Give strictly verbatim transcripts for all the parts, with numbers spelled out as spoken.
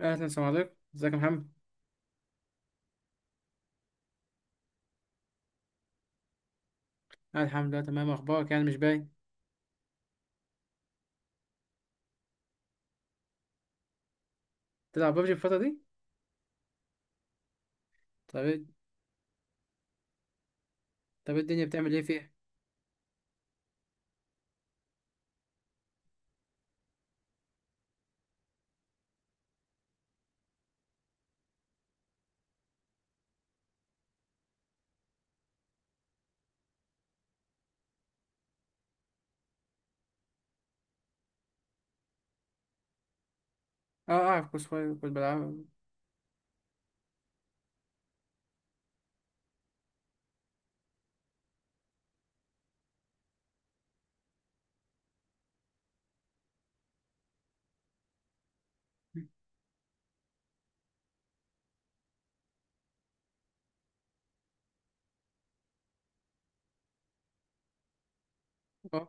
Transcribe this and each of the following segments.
اهلا، السلام عليكم. ازيك يا محمد؟ أنا الحمد لله تمام. اخبارك يعني مش باين. تلعب ببجي الفتره دي؟ طب إيه- طب إيه الدنيا بتعمل ايه فيها؟ اه، اعرف كويس كويس، كنت بلعب. اه.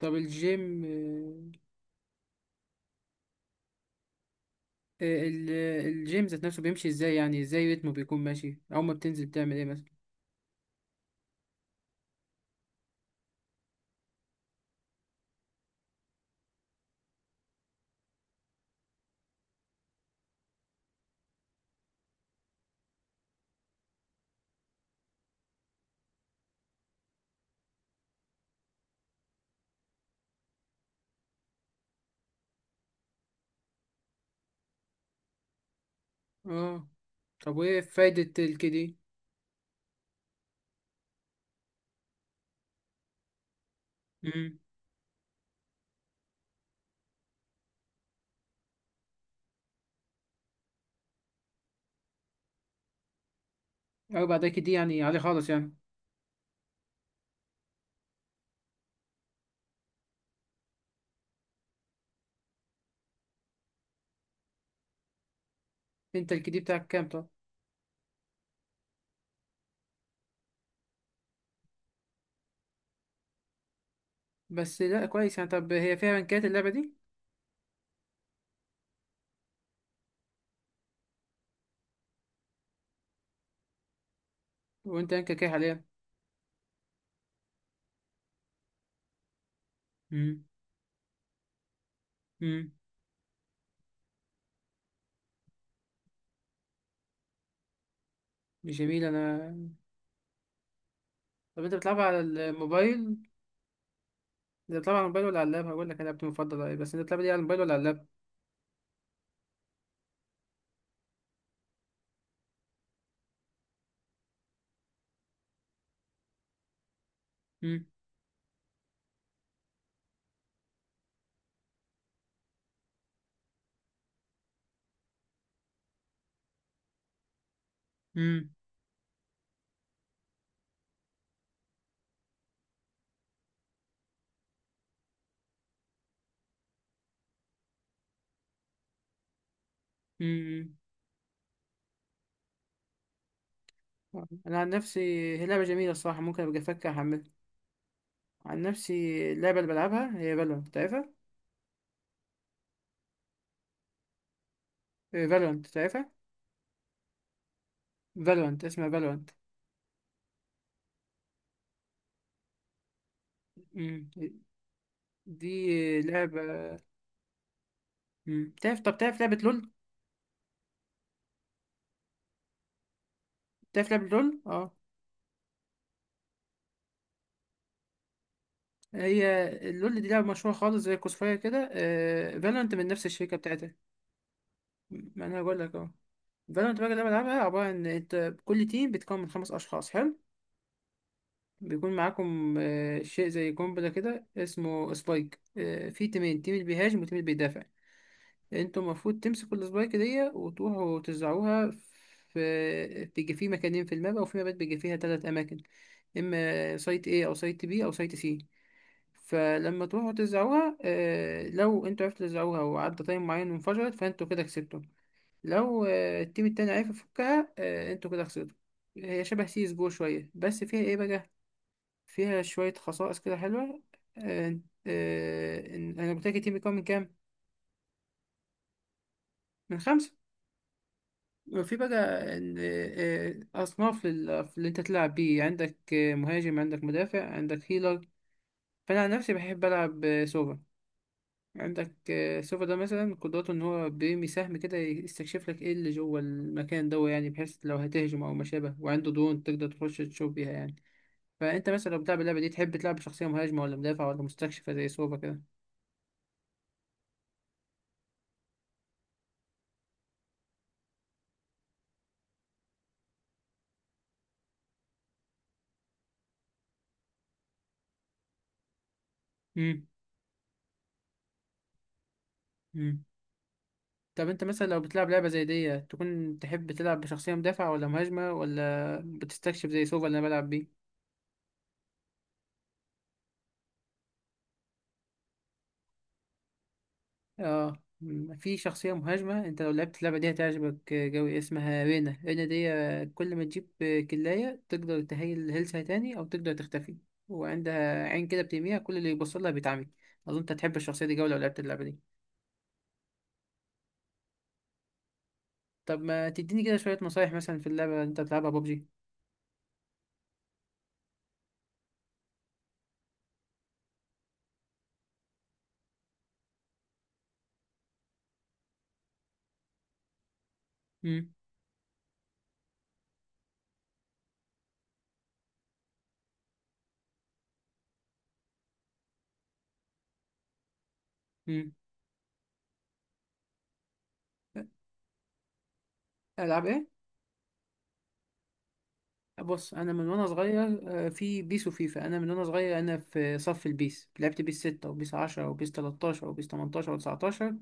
طب الجيم آه، آه، ال- الجيم ذات نفسه بيمشي ازاي؟ يعني ازاي رتمه بيكون ماشي؟ اول ما بتنزل بتعمل ايه مثلا؟ اه. طب وايه فايده الكدي؟ امم. اربع ده كدي يعني عليه خالص يعني. انت الكدي بتاعك كام طب؟ بس لا كويس يعني. طب هي فيها رانكات اللعبه دي؟ وانت رانكك ايه حاليا؟ امم. امم. جميل. انا طب انت بتلعب على الموبايل انت بتلعب على الموبايل ولا على اللاب؟ هقول لك انا لعبتي المفضله ايه، بس انت بتلعب دي على الموبايل ولا على اللاب؟ مم. مم. مم. انا عن نفسي هي لعبه جميله الصراحه، ممكن ابقى افكر احملها. عن نفسي، اللعبه اللي بلعبها هي فالورانت، تعرفها؟ فالورانت تعرفها؟ فالورانت اسمها فالورانت. مم. دي لعبه. مم. تعرف؟ طب تعرف لعبه لول؟ تعرف لعبه لول؟ اه. هي اللول دي لعبه مشهوره خالص زي كوسفاير كده، آه فالورانت من نفس الشركه بتاعتها. ما انا هقول لك اهو. فالورانت بقى لما بلعبها عبارة إن أنت كل تيم بيتكون من خمس أشخاص، حلو. بيكون معاكم آه، شيء زي قنبلة كده اسمه سبايك. آه، في تيمين، تيم اللي بيهاجم وتيم اللي بيدافع. انتوا المفروض تمسكوا السبايك دي وتروحوا توزعوها. في بيجي فيه مكانين في الماب، وفي مابات بيجي فيها تلات أماكن، إما سايت A أو سايت B أو سايت C. فلما تروحوا توزعوها، آه، لو انتوا عرفتوا توزعوها وعدى تايم معين وانفجرت، فانتوا كده كسبتوا. لو آه، التيم التاني عرف يفكها، آه، انتوا كده خسرتوا. هي شبه سيس جو شوية، بس فيها ايه بقى. فيها شوية خصائص كده حلوة. آه، آه، إن- انا قلت لك التيم بيكون من كام؟ من خمسة. وفي بقى إن- آه، أصناف لل- اللي أنت تلعب بيه. عندك آه، مهاجم، عندك مدافع، عندك هيلر. فأنا عن نفسي بحب ألعب آه، سوبر. عندك آه، سوفا ده مثلا قدرته ان هو بيرمي سهم كده يستكشف لك ايه اللي جوه المكان ده، يعني بحيث لو هتهجم او ما شابه، وعنده درون تقدر تخش تشوف بيها يعني. فانت مثلا لو بتلعب اللعبه دي، تحب تلعب بشخصيه مهاجمه ولا مدافع ولا مستكشفه زي سوفا كده؟ امم. امم. طب انت مثلا لو بتلعب لعبه زي دي، تكون تحب تلعب بشخصيه مدافع ولا مهاجمه ولا بتستكشف زي سوفا اللي انا بلعب بيه؟ اه، م، في شخصية مهاجمة انت لو لعبت اللعبة دي هتعجبك جوي، اسمها رينا. رينا دي آه، كل ما تجيب آه، كلاية تقدر تهيل هيلثها تاني او تقدر تختفي. وعندها عين كده بترميها، كل اللي يبص لها بيتعمي. اظن انت هتحب الشخصية دي جوي لو لعبت اللعبة دي. طب ما تديني كده شوية نصايح مثلا في اللعبة اللي انت بتلعبها ببجي؟ امم. امم. العب ايه؟ بص انا من وانا صغير آه، في بيس وفيفا. انا من وانا صغير انا في صف البيس، لعبت بيس ستة وبيس عشرة وبيس تلتاشر وبيس ثمانية عشر و19 تسعة عشر.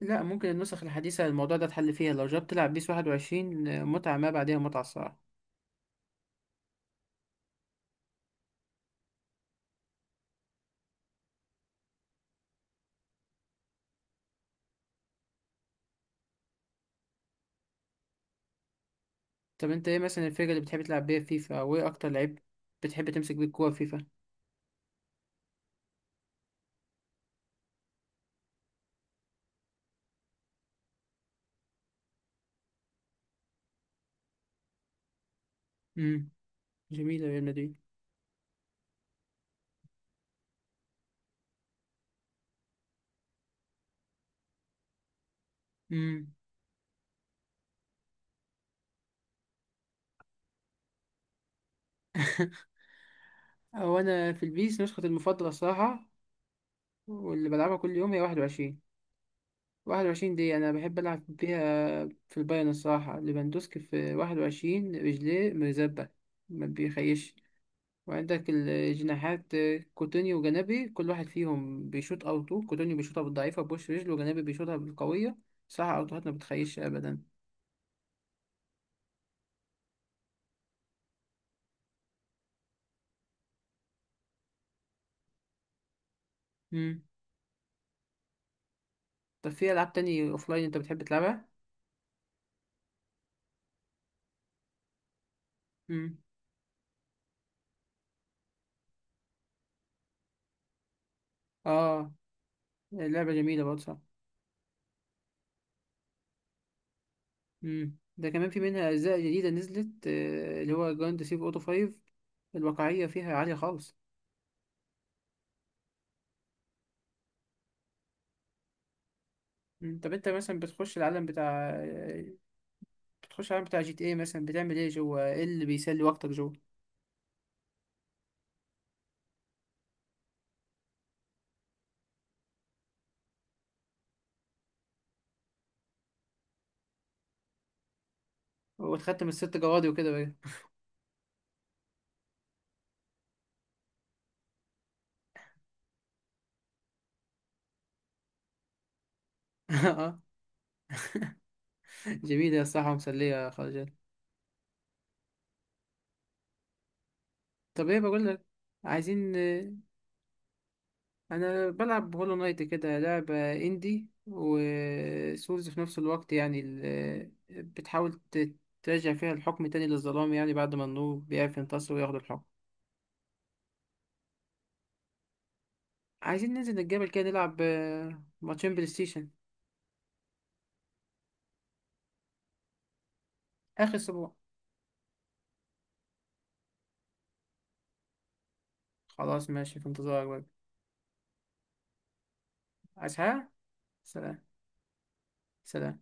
لا، ممكن النسخ الحديثة الموضوع ده اتحل فيها. لو جربت تلعب بيس واحد وعشرين، آه، متعة ما بعدها متعة الصراحة. طب انت ايه مثلا الفرقة اللي بتحب تلعب بيها في فيفا، او ايه اكتر لعيب بتحب تمسك بيه الكورة في فيفا؟ امم. جميلة ريال مدريد. امم. هو انا في البيس نسخة المفضلة الصراحة، واللي بلعبها كل يوم هي واحد وعشرين. واحد وعشرين دي انا بحب العب بيها. في البايرن الصراحة ليفاندوسكي في واحد وعشرين، رجليه مرزبة، ما بيخيش. وعندك الجناحات كوتينيو وجنابي، كل واحد فيهم بيشوط اوتو. كوتينيو بيشوطها بالضعيفة بوش رجله، وجنابي بيشوطها بالقوية. صراحة اوتوهات ما بتخيش ابدا. مم. طب في العاب تاني اوفلاين انت بتحب تلعبها؟ مم. اه، لعبة جميلة برضه صح. مم. ده كمان في منها اجزاء جديدة نزلت، آه، اللي هو جراند سيف اوتو خمسة. الواقعية فيها عالية خالص. مم. طب انت مثلا بتخش العالم بتاع بتخش العالم بتاع جي تي ايه مثلا، بتعمل ايه جوه؟ ايه اللي بيسلي وقتك جوه؟ وتختم الست جوادي وكده؟ اه. جميلة يا الصراحة، مسلية خالص جد. طب ايه بقول لك. عايزين انا بلعب هولو نايت كده، لعبة اندي وسولز في نفس الوقت، يعني ال- بتحاول ت- ترجع فيها الحكم تاني للظلام، يعني بعد ما النور بيعرف ينتصر وياخد الحكم. عايزين ننزل الجبل كده نلعب آه، ماتشين بلاي ستيشن. اخر اسبوع. خلاص ماشي، في انتظارك بقى. عايز حاجة؟ سلام. سلام.